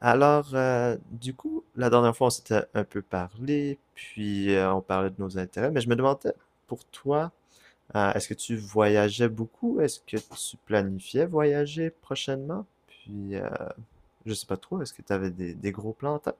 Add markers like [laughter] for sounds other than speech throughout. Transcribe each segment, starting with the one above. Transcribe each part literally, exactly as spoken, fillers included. Alors, euh, du coup, la dernière fois, on s'était un peu parlé, puis euh, on parlait de nos intérêts, mais je me demandais, pour toi, euh, est-ce que tu voyageais beaucoup? Est-ce que tu planifiais voyager prochainement? Puis, euh, je sais pas trop, est-ce que tu avais des, des gros plans en tête?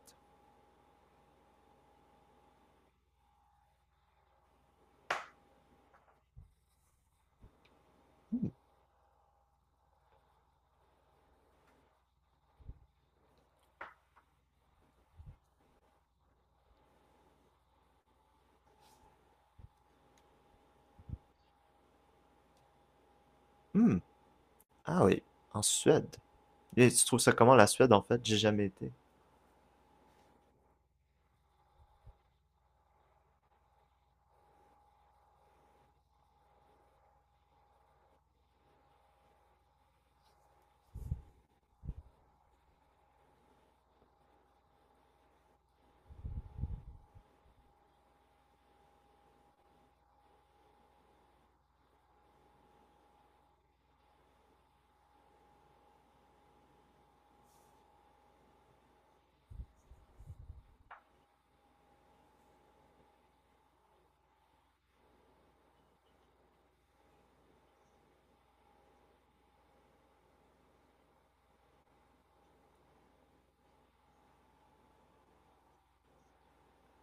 Hmm. Ah oui, en Suède. Et tu trouves ça comment la Suède, en fait? J'ai jamais été.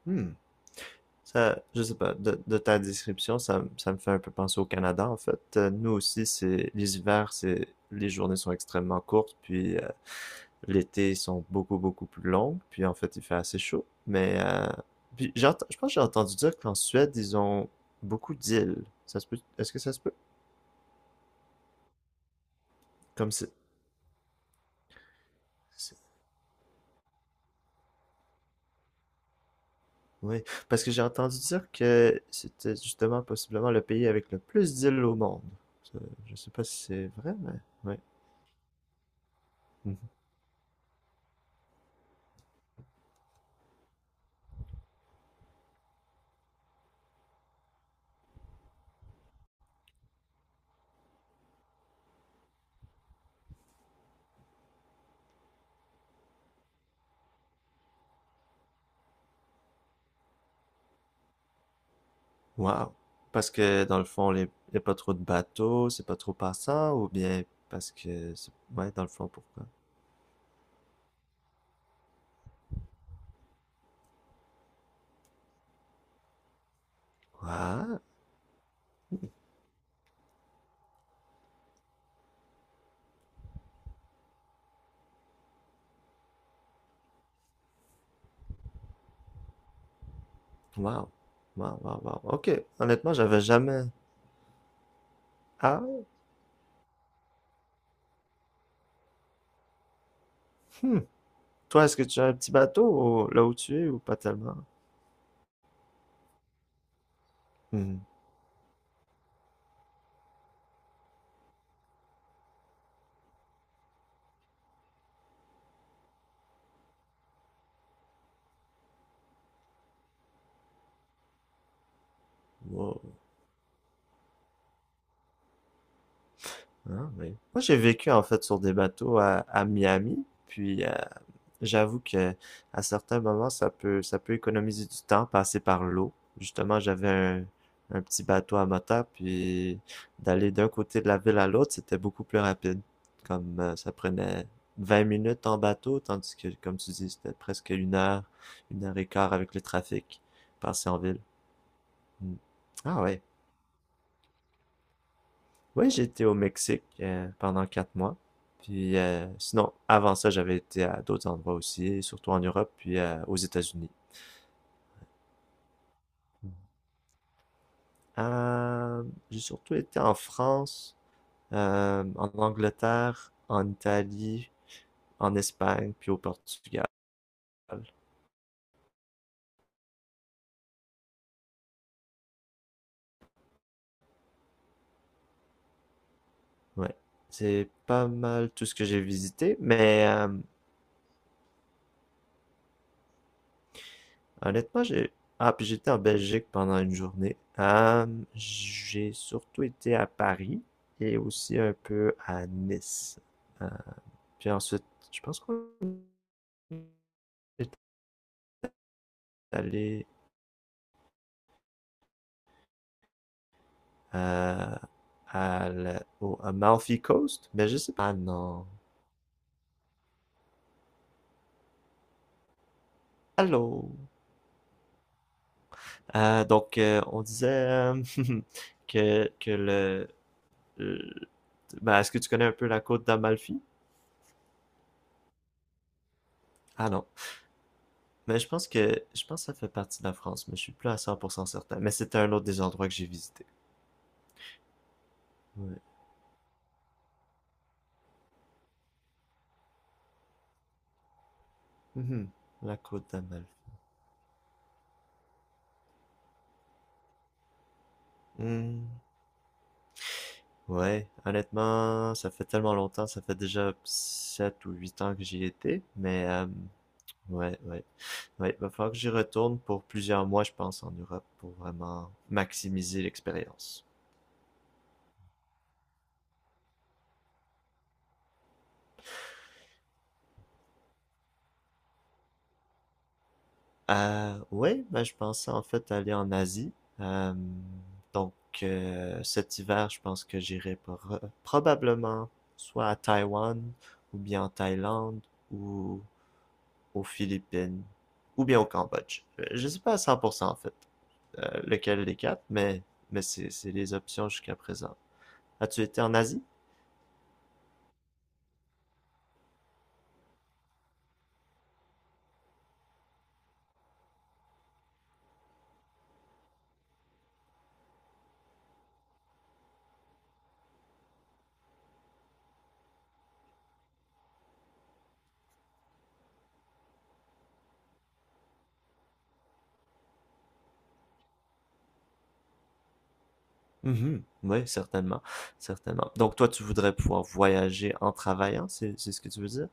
Hmm. Ça, je sais pas, de, de ta description, ça, m- ça me fait un peu penser au Canada, en fait. Euh, Nous aussi, c'est, les hivers, c'est, les journées sont extrêmement courtes, puis euh, l'été, sont beaucoup, beaucoup plus longues. Puis en fait, il fait assez chaud. Mais euh, puis j'ai ent- je pense que j'ai entendu dire qu'en Suède, ils ont beaucoup d'îles. Ça se peut? Est-ce que ça se peut? Comme c'est... c'est- Oui, parce que j'ai entendu dire que c'était justement possiblement le pays avec le plus d'îles au monde. Ça, je sais pas si c'est vrai, mais oui. Mhm. Wow. Parce que dans le fond, il n'y a pas trop de bateaux, c'est pas trop passant, ou bien parce que c'est... ouais, dans le fond, pourquoi? Wow. Wow. Wow, wow, wow. OK. Honnêtement, j'avais jamais. Ah, hmm. Toi, est-ce que tu as un petit bateau là où tu es ou pas tellement? Hmm. Wow. Ah, oui. Moi, j'ai vécu en fait sur des bateaux à, à Miami, puis euh, j'avoue que à certains moments, ça peut, ça peut économiser du temps, passer par l'eau. Justement, j'avais un, un petit bateau à moteur, puis d'aller d'un côté de la ville à l'autre, c'était beaucoup plus rapide. Comme euh, Ça prenait vingt minutes en bateau, tandis que, comme tu dis, c'était presque une heure, une heure et quart avec le trafic, passer en ville. Mm. Ah ouais. Ouais, j'étais au Mexique euh, pendant quatre mois. Puis euh, Sinon, avant ça, j'avais été à d'autres endroits aussi, surtout en Europe, puis euh, aux États-Unis. Euh, j'ai surtout été en France, euh, en Angleterre, en Italie, en Espagne, puis au Portugal. Ouais, c'est pas mal tout ce que j'ai visité, mais euh, Honnêtement, j'ai... Ah, puis j'étais en Belgique pendant une journée. Euh, j'ai surtout été à Paris et aussi un peu à Nice. Euh, puis ensuite, je pense qu'on est allé euh, à la... au Amalfi Coast, mais je sais pas. Ah non. Allô. Euh, donc, euh, on disait euh, [laughs] que, que le... le- Ben, est-ce que tu connais un peu la côte d'Amalfi? Ah non. Mais je pense que je pense que ça fait partie de la France, mais je suis plus à cent pour cent certain. Mais c'était un autre des endroits que j'ai visité. Ouais. Mhm. La côte d'Amalfi. Hmm. Ouais, honnêtement, ça fait tellement longtemps, ça fait déjà sept ou huit ans que j'y étais, mais euh, ouais, ouais. Ouais, va falloir que j'y retourne pour plusieurs mois, je pense, en Europe pour vraiment maximiser l'expérience. Euh, ouais, ben, je pensais en fait aller en Asie. Euh, donc euh, cet hiver, je pense que j'irai pro- probablement soit à Taïwan, ou bien en Thaïlande, ou aux Philippines, ou bien au Cambodge. Euh, Je sais pas à cent pour cent en fait euh, lequel des quatre, mais, mais c'est, c'est les options jusqu'à présent. As-tu été en Asie? Mhm. Oui, certainement, certainement. Donc toi, tu voudrais pouvoir voyager en travaillant, c'est, c'est ce que tu veux dire?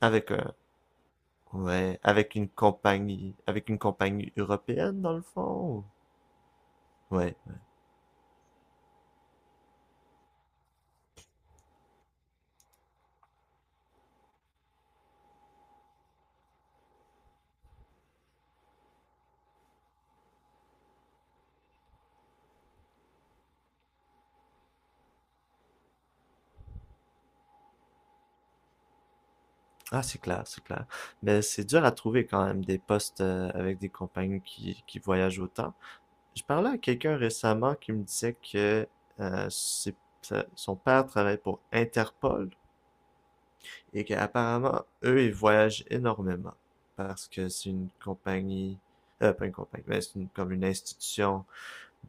Avec un, Ouais, avec une compagnie, avec une compagnie européenne dans le fond. Ouais. Ah, c'est clair, c'est clair. Mais c'est dur à trouver quand même des postes euh, avec des compagnies qui, qui voyagent autant. Je parlais à quelqu'un récemment qui me disait que euh, c'est- sa- son père travaille pour Interpol et qu'apparemment, eux, ils voyagent énormément parce que c'est une compagnie, euh, pas une compagnie, mais c'est une- comme une institution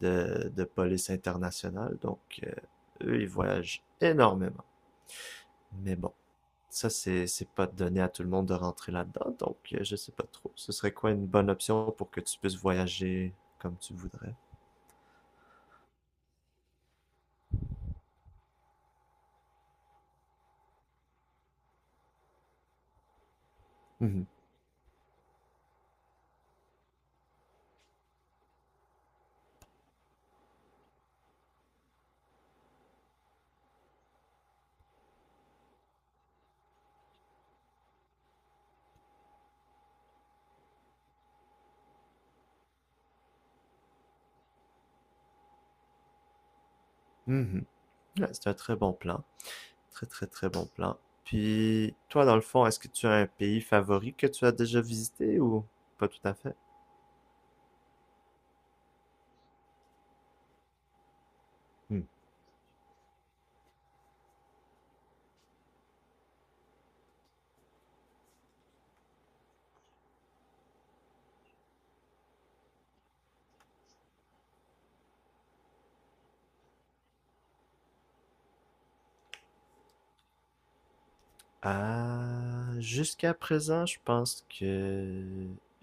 de, de police internationale. Donc, euh, eux, ils voyagent énormément. Mais bon, ça, c'est, c'est pas donné à tout le monde de rentrer là-dedans. Donc, euh, je sais pas trop. Ce serait quoi une bonne option pour que tu puisses voyager comme tu voudrais? Mhm. Mhm. Ouais, c'est un très bon plan. Très, très, très bon plan. Puis, toi, dans le fond, est-ce que tu as un pays favori que tu as déjà visité ou pas tout à fait? Hmm. Ah, jusqu'à présent, je pense que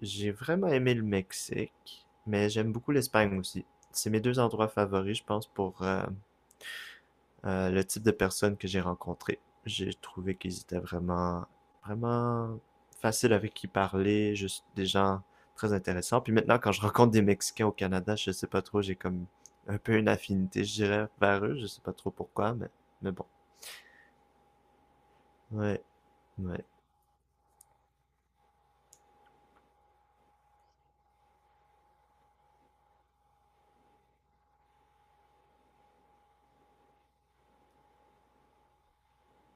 j'ai vraiment aimé le Mexique, mais j'aime beaucoup l'Espagne aussi. C'est mes deux endroits favoris, je pense, pour euh, euh, le type de personnes que j'ai rencontrées. J'ai trouvé qu'ils étaient vraiment, vraiment faciles avec qui parler, juste des gens très intéressants. Puis maintenant, quand je rencontre des Mexicains au Canada, je sais pas trop, j'ai comme un peu une affinité, je dirais, vers eux. Je sais pas trop pourquoi, mais, mais bon. Ouais, ouais.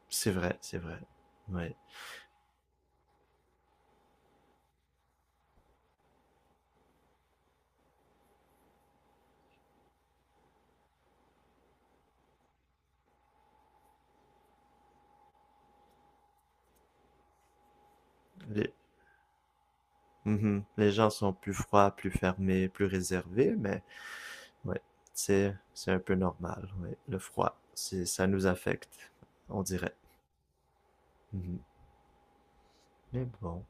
C'est vrai, c'est vrai. Ouais. Les... Mhm. Les gens sont plus froids, plus fermés, plus réservés, mais ouais, c'est c'est un peu normal. Ouais. Le froid, c'est ça nous affecte, on dirait. Mhm. Mais bon,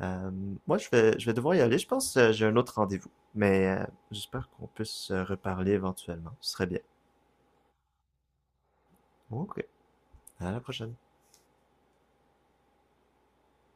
Euh, moi je vais je vais devoir y aller. Je pense que j'ai un autre rendez-vous, mais euh, j'espère qu'on puisse se reparler éventuellement. Ce serait bien. Ok, à la prochaine.